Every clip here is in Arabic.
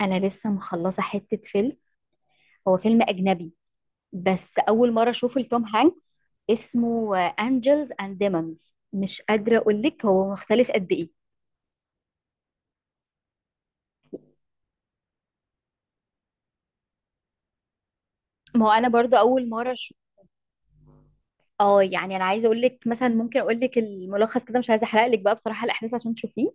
انا لسه مخلصه حته فيلم. هو فيلم اجنبي، بس اول مره اشوفه لتوم هانكس. اسمه انجلز اند ديمونز، مش قادره اقول لك هو مختلف قد ايه. ما هو انا برضو اول مره اه يعني انا عايزه اقول لك مثلا، ممكن اقول لك الملخص كده، مش عايزه احرق لك بقى بصراحه الاحداث عشان تشوفيه.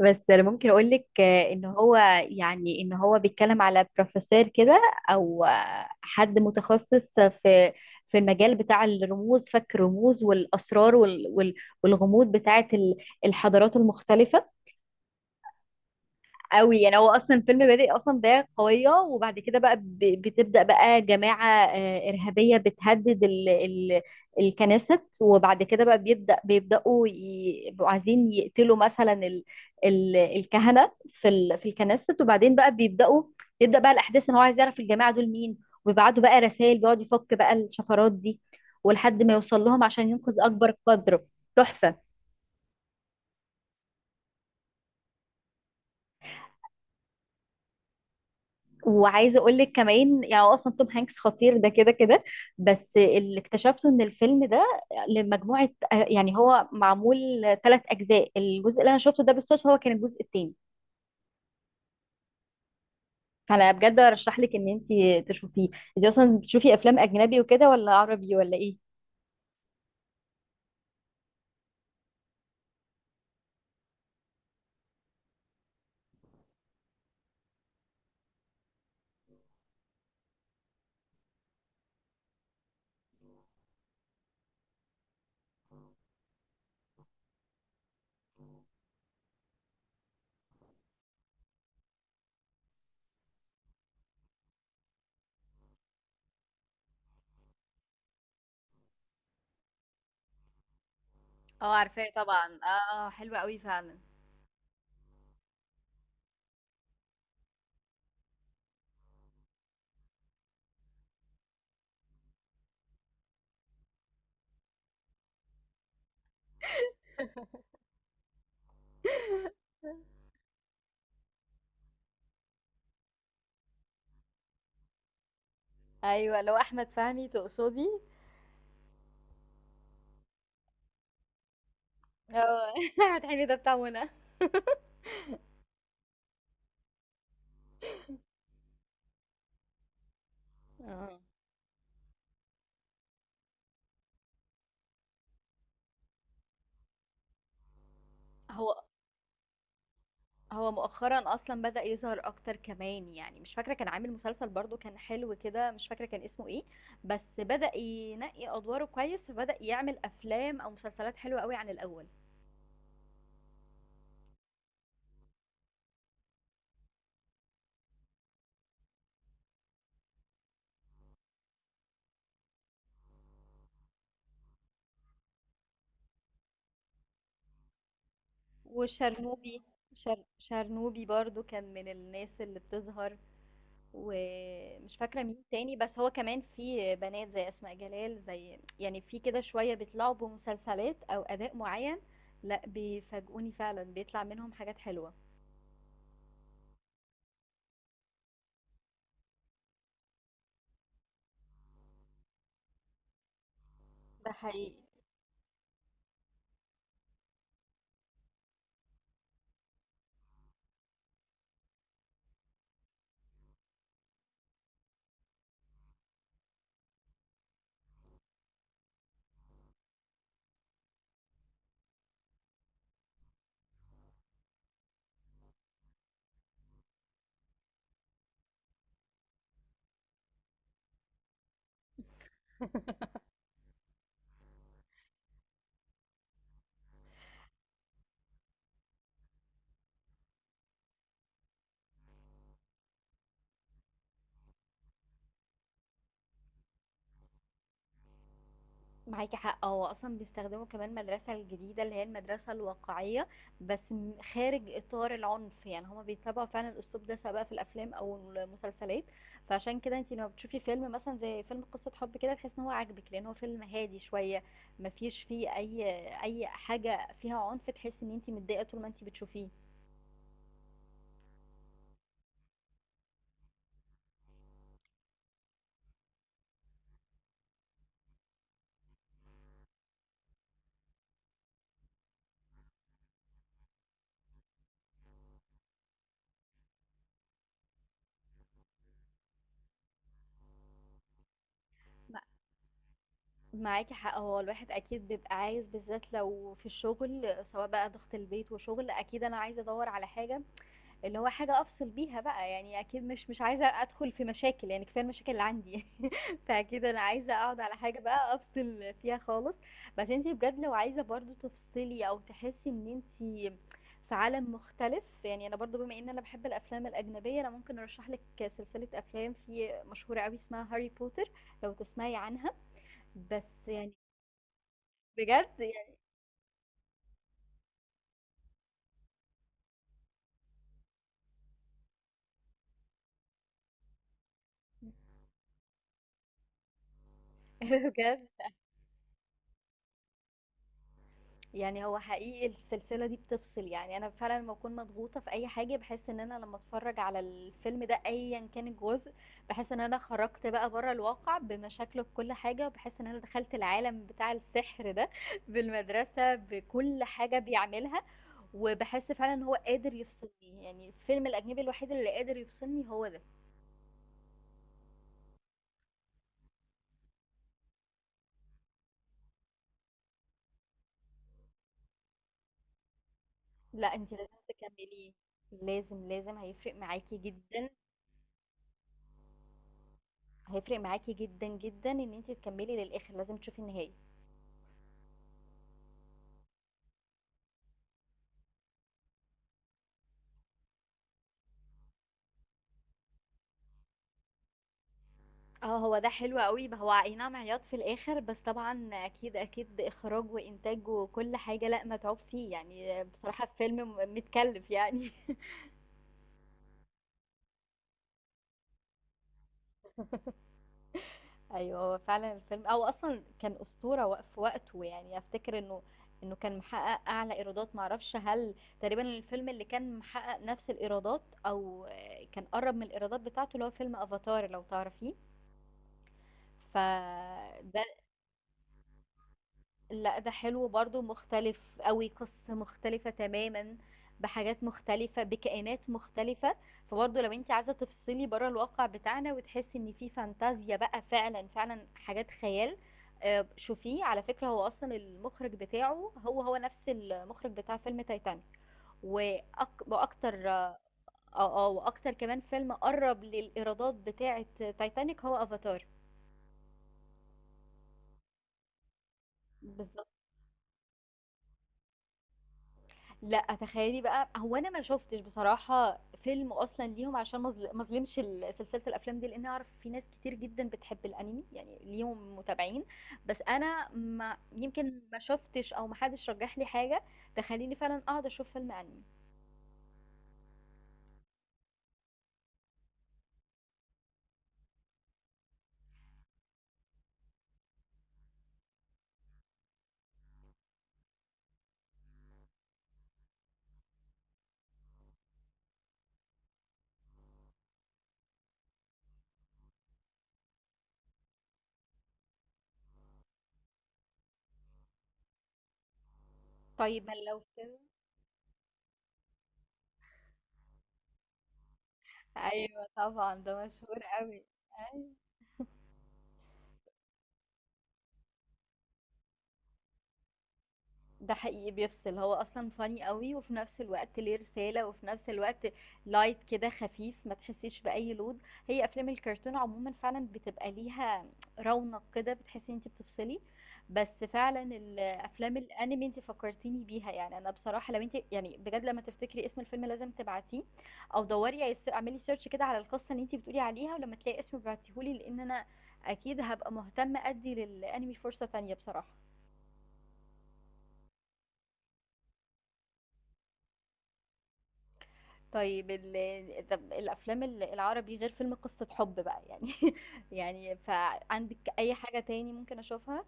بس انا ممكن اقول لك ان هو، يعني ان هو بيتكلم على بروفيسور كده، او حد متخصص في في المجال بتاع الرموز، فك الرموز والاسرار والغموض بتاعه الحضارات المختلفه. قوي، يعني هو اصلا الفيلم بادئ اصلا بدايه قويه، وبعد كده بقى بتبدا بقى جماعه ارهابيه بتهدد ال ال الكنائس، وبعد كده بقى بيبداوا يبقوا عايزين يقتلوا مثلا ال ال الكهنه في ال في الكنائس، وبعدين بقى بيبداوا، يبدا بقى الاحداث ان هو عايز يعرف الجماعه دول مين، وبيبعتوا بقى رسائل بيقعد يفك بقى الشفرات دي، ولحد ما يوصل لهم عشان ينقذ اكبر قدر. تحفه. وعايزه اقول لك كمان، يعني هو اصلا توم هانكس خطير ده كده كده. بس اللي اكتشفته ان الفيلم ده لمجموعه، يعني هو معمول ثلاث اجزاء، الجزء اللي انا شفته ده بالصدفه هو كان الجزء الثاني. فانا بجد ارشح لك ان انت تشوفيه. انت اصلا بتشوفي افلام اجنبي وكده، ولا عربي، ولا ايه؟ اه عارفاه طبعا، اه اه حلوة قوي فعلا. ايوه لو احمد فهمي تقصدي. اه احمد حلمي ده بتاع منى. اه، هو هو مؤخرًا أصلًا بدأ يظهر أكتر كمان، يعني مش فاكرة كان عامل مسلسل برضه كان حلو كده، مش فاكرة كان اسمه إيه، بس بدأ ينقي أدواره كويس، فبدأ يعمل أفلام أو مسلسلات حلوة أوي عن الأول. وشرنوبي، شرنوبي برضه كان من الناس اللي بتظهر، ومش فاكرة مين تاني، بس هو كمان في بنات زي أسماء جلال، زي يعني في كده شوية بيطلعوا بمسلسلات أو أداء معين. لأ بيفاجئوني فعلًا، بيطلع منهم حاجات حلوة. ده حقيقي. معاكي حق، هو اصلا بيستخدموا كمان المدرسه الجديده اللي هي المدرسه الواقعيه، بس خارج اطار العنف، يعني هما بيتبعوا فعلا الاسلوب ده سواء في الافلام او المسلسلات. فعشان كده انت لما بتشوفي فيلم مثلا زي فيلم قصه حب كده، تحس ان هو عاجبك، لان هو فيلم هادي شويه، مفيش فيه اي حاجه فيها عنف تحس ان انت متضايقه طول ما انت بتشوفيه. مع- معاكي حق، هو الواحد اكيد بيبقى عايز، بالذات لو في الشغل، سواء بقى ضغط البيت وشغل، اكيد انا عايزه ادور على حاجه اللي هو حاجة أفصل بيها بقى، يعني أكيد مش عايزة أدخل في مشاكل، يعني كفاية المشاكل اللي عندي. فأكيد أنا عايزة أقعد على حاجة بقى أفصل فيها خالص. بس انتي بجد لو عايزة برضو تفصلي أو تحسي إن انتي في عالم مختلف، يعني أنا برضو بما إن أنا بحب الأفلام الأجنبية، أنا ممكن أرشح لك سلسلة أفلام في مشهورة أوي، اسمها هاري بوتر، لو تسمعي عنها. بس يعني بجد يعني، بجد يعني هو حقيقي السلسلة دي بتفصل. يعني أنا فعلا لما بكون مضغوطة في أي حاجة، بحس إن أنا لما أتفرج على الفيلم ده أيا كان الجزء، بحس إن أنا خرجت بقى بره الواقع بمشاكله بكل حاجة، وبحس إن أنا دخلت العالم بتاع السحر ده، بالمدرسة بكل حاجة بيعملها. وبحس فعلا إن هو قادر يفصلني، يعني الفيلم الأجنبي الوحيد اللي قادر يفصلني هو ده. لا أنت لازم تكمليه، لازم لازم، هيفرق معاكي جدا. هيفرق معاكي جدا جدا ان انت تكملي للاخر، لازم تشوفي النهاية. اه هو ده حلو قوي، هو اي نعم عياط في الاخر، بس طبعا اكيد اكيد اخراج وانتاج وكل حاجه، لا متعوب فيه، يعني بصراحه فيلم متكلف يعني. ايوه هو فعلا الفيلم او اصلا كان اسطوره في وقته، يعني افتكر انه كان محقق اعلى ايرادات، معرفش هل تقريبا الفيلم اللي كان محقق نفس الايرادات او كان قرب من الايرادات بتاعته، اللي هو فيلم افاتار لو تعرفيه، فده… لأ ده حلو برضه، مختلف أوي، قصة مختلفة تمامًا، بحاجات مختلفة، بكائنات مختلفة. فبرضه لو أنتِ عايزة تفصلي برّه الواقع بتاعنا وتحسي إن في فانتازيا بقى، فعلًا فعلًا حاجات خيال، شوفيه. على فكرة هو أصلًا المُخرِج بتاعه، هو هو نفس المُخرِج بتاع فيلم تايتانيك. وأكتر وأكتر كمان فيلم قرّب للإيرادات بتاعة تايتانيك هو Avatar. بالضبط. لأ، تخيلي بقى، هو أنا ما شُفتش بصراحة فيلم أصلًا ليهم، عشان ما اظلمش ال سلسلة الأفلام دي، لإن أعرف في ناس كتير جدًا بتحب الأنمي، يعني ليهم متابعين. بس أنا ما يمكن ما شُفتش أو ما حدش رَجّح لي حاجة تخلّيني فعلًا أقعد أشوف فيلم أنمي. طيب ما لو كده. أيوه طبعًا، ده مشهور أوي. أيوه. ده حقيقي بيفصل، هو اصلا فاني قوي، وفي نفس الوقت ليه رسالة، وفي نفس الوقت لايت كده خفيف، ما تحسيش بأي لود. هي افلام الكرتون عموما فعلا بتبقى ليها رونق كده، بتحسي ان انت بتفصلي. بس فعلا الافلام الانمي انت فكرتيني بيها، يعني انا بصراحة لو انت يعني بجد لما تفتكري اسم الفيلم لازم تبعتيه، او دوري يا اعملي سيرش كده على القصة اللي انت بتقولي عليها، ولما تلاقي اسمه ابعتيهولي، لان انا اكيد هبقى مهتمة ادي للانمي فرصة تانية بصراحة. طيب ال طب الأفلام العربي غير فيلم قصة حب بقى يعني، يعني فعندِك أي حاجة تاني ممكن أشوفها؟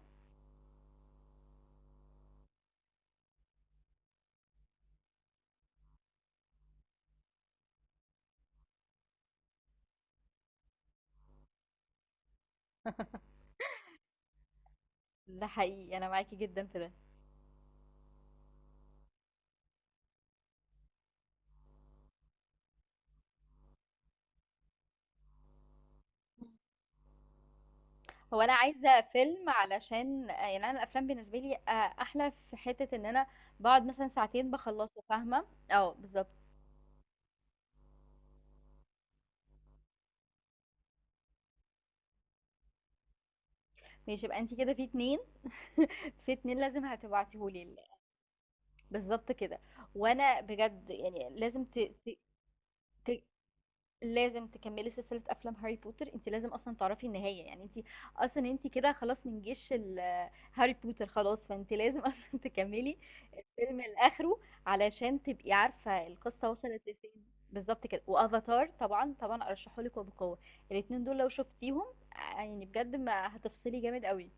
ده حقيقي أنا معاكِ جدًا في ده. إمم. هو أنا عايزة فيلم، علشان يعني أنا الأفلام بالنسبة لي أحلى في حتة إن أنا باقعد مثلًا ساعتين باخلّصه، فاهمة؟ آه بالضبط. ماشي، يبقى أنتِ كده في 2، في 2 لازم هتبعتيه لي ال… بالضبط كده. وأنا بجد يعني لازم ت ت ت لازم تكملي سلسلة أفلام هاري بوتر، أنتِ لازم أصلًا تعرفي النهاية، يعني أنتِ أصلًا أنتِ كده خلاص من جيش ال هاري بوتر خلاص، فأنتِ لازم أصلًا تكملي الفيلم لآخره، علشان تبقي عارفة القصة وصلت لفين. بالضبط كده، وأفاتار طبعًا، طبعًا أرشحه لِك وبقوة، الاتنين دول لو شُفتيهم، يعني بجد ما هتفصلي جامد أوي.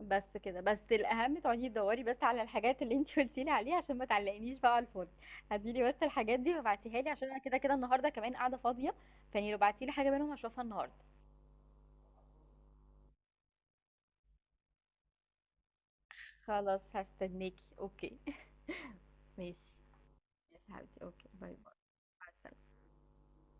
بس كده، بس الأهم تقعدي تدوري بس على الحاجات اللي انتي قلتي لي عليها، عشان ما تعلقنيش بقى على الفاضي. هاتي لي بس الحاجات دي وابعتيها لي، عشان انا كده كده النهارده كمان قاعدة فاضية. فاني لو بعتي لي حاجة منهم هشوفها النهارده. خلاص هستناكي، اوكي. ماشي. ماشي يا حبيبتي، اوكي، باي باي. مع السلامة.